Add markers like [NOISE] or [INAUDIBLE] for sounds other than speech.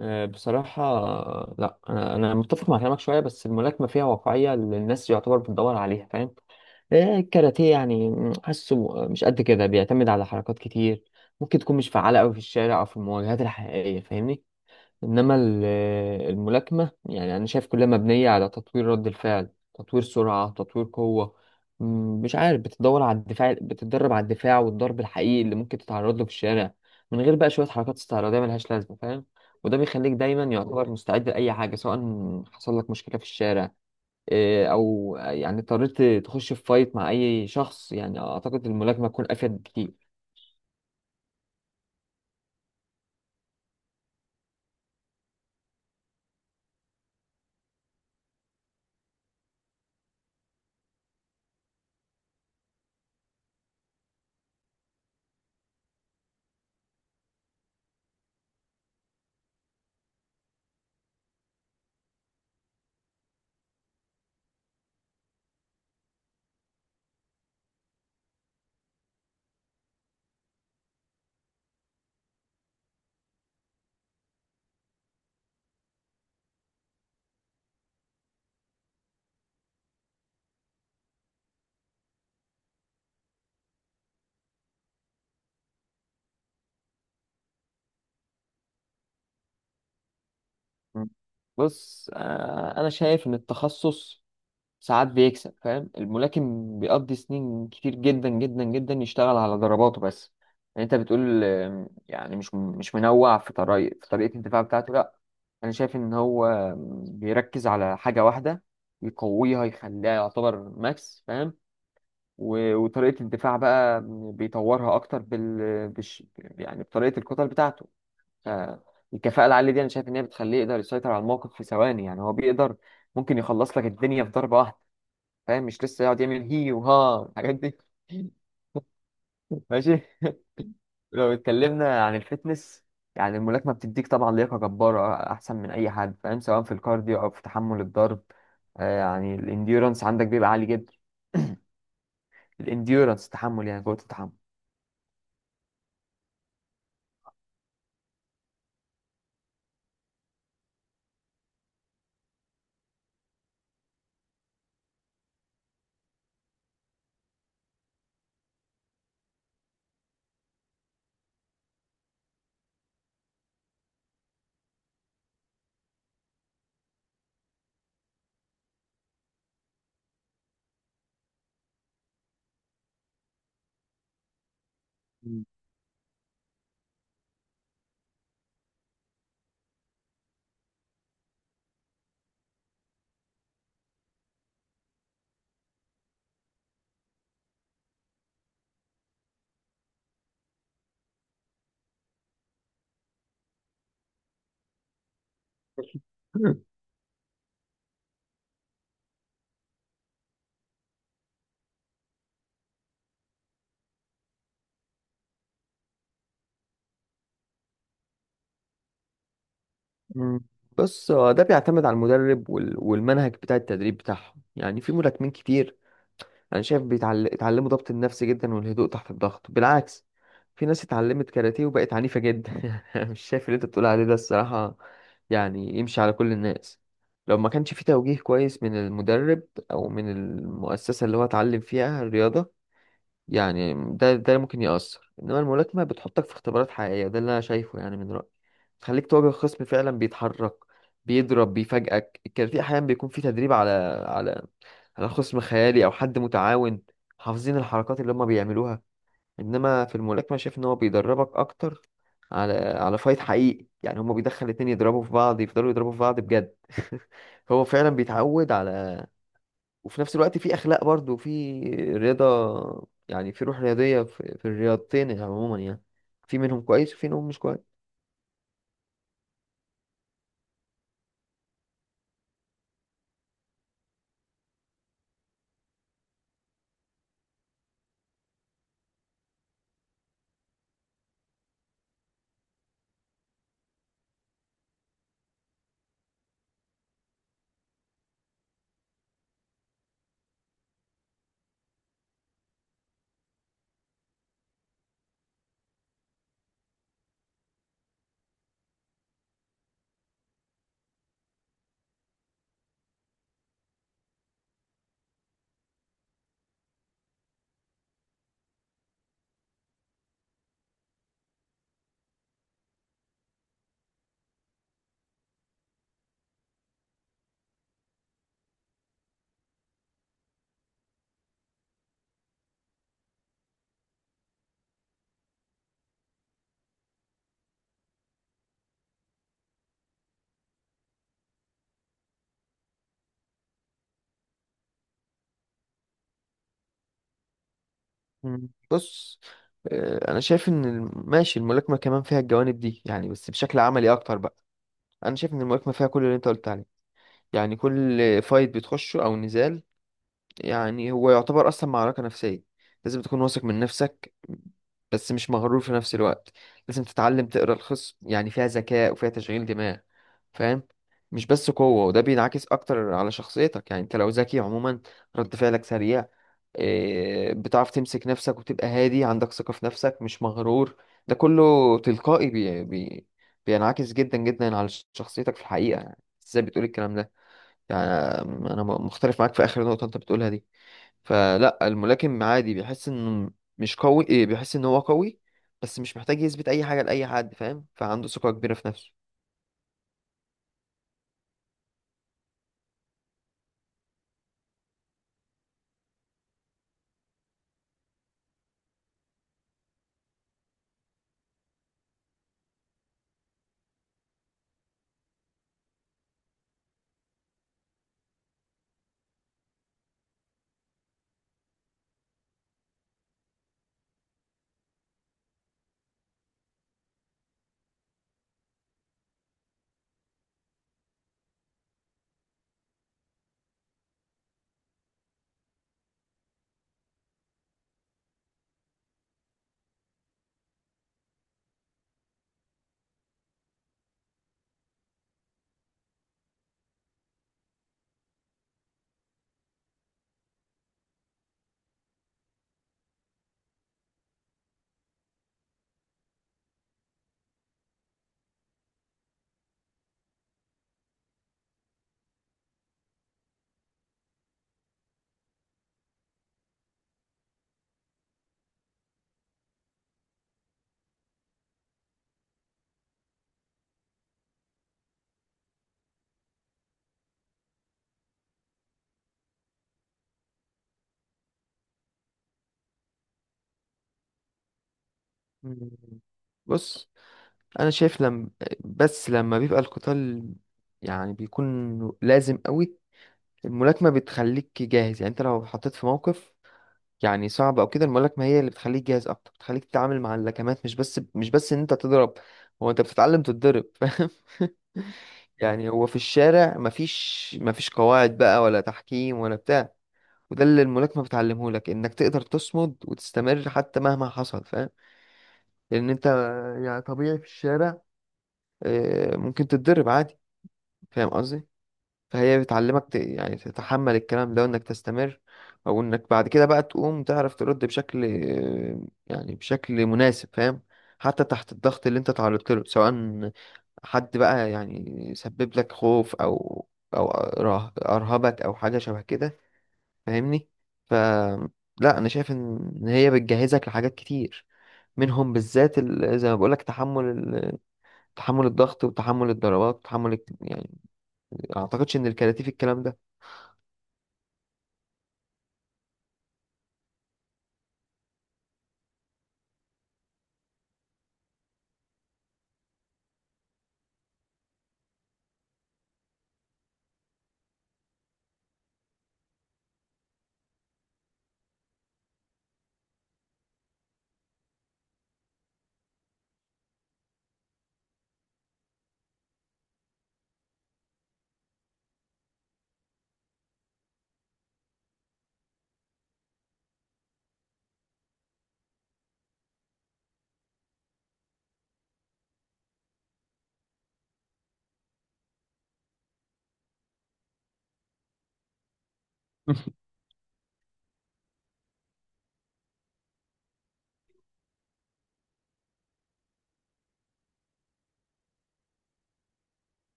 آه، بصراحة. لا، أنا متفق مع كلامك شوية، بس الملاكمة فيها واقعية اللي الناس يعتبر بتدور عليها، فاهم؟ آه، الكاراتيه يعني حاسه مش قد كده، بيعتمد على حركات كتير ممكن تكون مش فعالة أوي في الشارع أو في المواجهات الحقيقية، فاهمني؟ انما الملاكمه يعني انا شايف كلها مبنيه على تطوير رد الفعل، تطوير سرعه، تطوير قوه. م، مش عارف، بتدور على الدفاع، بتتدرب على الدفاع والضرب الحقيقي اللي ممكن تتعرض له في الشارع، من غير بقى شويه حركات استعراضيه ملهاش لازمه، فاهم؟ وده بيخليك دايما يعتبر مستعد لاي حاجه، سواء حصل لك مشكله في الشارع، إيه، او يعني اضطريت تخش في فايت مع اي شخص، يعني اعتقد الملاكمه تكون افيد بكتير. مم. بص، آه، انا شايف ان التخصص ساعات بيكسب، فاهم؟ الملاكم بيقضي سنين كتير جدا جدا جدا يشتغل على ضرباته بس. يعني انت بتقول يعني مش منوع في طريقة الدفاع بتاعته، لا. انا شايف ان هو بيركز على حاجة واحدة يقويها يخليها يعتبر ماكس، فاهم؟ وطريقة الدفاع بقى بيطورها اكتر بال بش يعني بطريقة الكتل بتاعته. ف- الكفاءة العالية دي انا شايف ان هي بتخليه يقدر يسيطر على الموقف في ثواني، يعني هو بيقدر، ممكن يخلص لك الدنيا في ضربة واحدة، فاهم؟ مش لسه يقعد يعمل هي وها الحاجات دي. [LAUGHS] ماشي. [LAUGHS] لو اتكلمنا عن الفتنس، يعني الملاكمة بتديك طبعا لياقة جبارة أحسن من أي حد، فاهم؟ سواء في الكارديو أو في تحمل الضرب. آه، يعني الانديورنس عندك بيبقى عالي جدا. الانديورنس تحمل، يعني قوة التحمل. [LAUGHS] مم. مم. بص، هو ده بيعتمد على المدرب والمنهج بتاع التدريب بتاعهم، يعني في ملاكمين كتير انا شايف اتعلموا ضبط النفس جدا والهدوء تحت الضغط، بالعكس. في ناس اتعلمت كاراتيه وبقت عنيفة جدا. [LAUGHS] مش شايف اللي انت بتقول عليه ده الصراحة، يعني يمشي على كل الناس لو ما كانش في توجيه كويس من المدرب او من المؤسسة اللي هو اتعلم فيها الرياضة. يعني ده ممكن يأثر، انما الملاكمة بتحطك في اختبارات حقيقية، ده اللي انا شايفه يعني من رأيي. تخليك تواجه خصم فعلا بيتحرك، بيضرب، بيفاجئك. الكاراتيه احيانا بيكون فيه تدريب على على على خصم خيالي او حد متعاون، حافظين الحركات اللي هم بيعملوها. انما في الملاكمه شايف ان هو بيدربك اكتر على فايت حقيقي، يعني هم بيدخل الاتنين يضربوا في بعض، يفضلوا يضربوا في بعض بجد. [LAUGHS] هو فعلا بيتعود على. وفي نفس الوقت في اخلاق برضو، في رياضه يعني، في روح رياضيه في الرياضتين يعني عموما، يعني في منهم كويس وفي منهم مش كويس. مم. بص، آه، انا شايف ان ماشي، الملاكمه كمان فيها الجوانب دي يعني، بس بشكل عملي اكتر بقى. انا شايف ان الملاكمه فيها كل اللي انت قلت عليه، يعني كل فايت بتخشه او نزال، يعني هو يعتبر اصلا معركة نفسية. لازم تكون واثق من نفسك، بس مش مغرور في نفس الوقت. لازم تتعلم تقرا الخصم، يعني فيها ذكاء وفيها تشغيل دماغ، فاهم؟ مش بس قوة، وده بينعكس أكتر على شخصيتك، يعني أنت لو ذكي عموما، رد فعلك سريع، إيه، بتعرف تمسك نفسك وتبقى هادي، عندك ثقة في نفسك مش مغرور. ده كله تلقائي، بينعكس جدا جدا على شخصيتك في الحقيقة يعني. ازاي بتقول الكلام ده؟ يعني انا مختلف معاك في اخر نقطه انت بتقولها دي. فلا، الملاكم عادي بيحس انه مش قوي، إيه، بيحس ان هو قوي، بس مش محتاج يثبت اي حاجه لاي حد، فاهم؟ فعنده ثقه كبيره في نفسه. مم. بص، انا شايف لم بس لما بيبقى القتال، يعني بيكون لازم قوي، الملاكمه بتخليك جاهز. يعني انت لو حطيت في موقف يعني صعب او كده، الملاكمه هي اللي بتخليك جاهز اكتر، بتخليك تتعامل مع اللكمات، مش بس ان انت تضرب. هو انت بتتعلم تتضرب، فاهم؟ [LAUGHS] يعني هو في الشارع مفيش قواعد بقى، ولا تحكيم ولا بتاع. وده اللي الملاكمة بتعلمه لك، انك تقدر تصمد وتستمر حتى مهما حصل، فاهم؟ لان انت يعني طبيعي في الشارع، آه، ممكن تتضرب عادي، فاهم قصدي؟ فهي بتعلمك يعني تتحمل الكلام ده وانك تستمر، او انك بعد كده بقى تقوم تعرف ترد بشكل، آه، يعني بشكل مناسب، فاهم؟ حتى تحت الضغط اللي انت تعرضت له، سواء حد بقى يعني يسبب لك خوف او ارهبك او حاجه شبه كده، فاهمني؟ ف لا، انا شايف إن هي بتجهزك لحاجات كتير، منهم بالذات زي ما بقولك، تحمل تحمل الضغط، وتحمل الضربات، وتحمل يعني ما اعتقدش ان الكاراتيه في الكلام ده.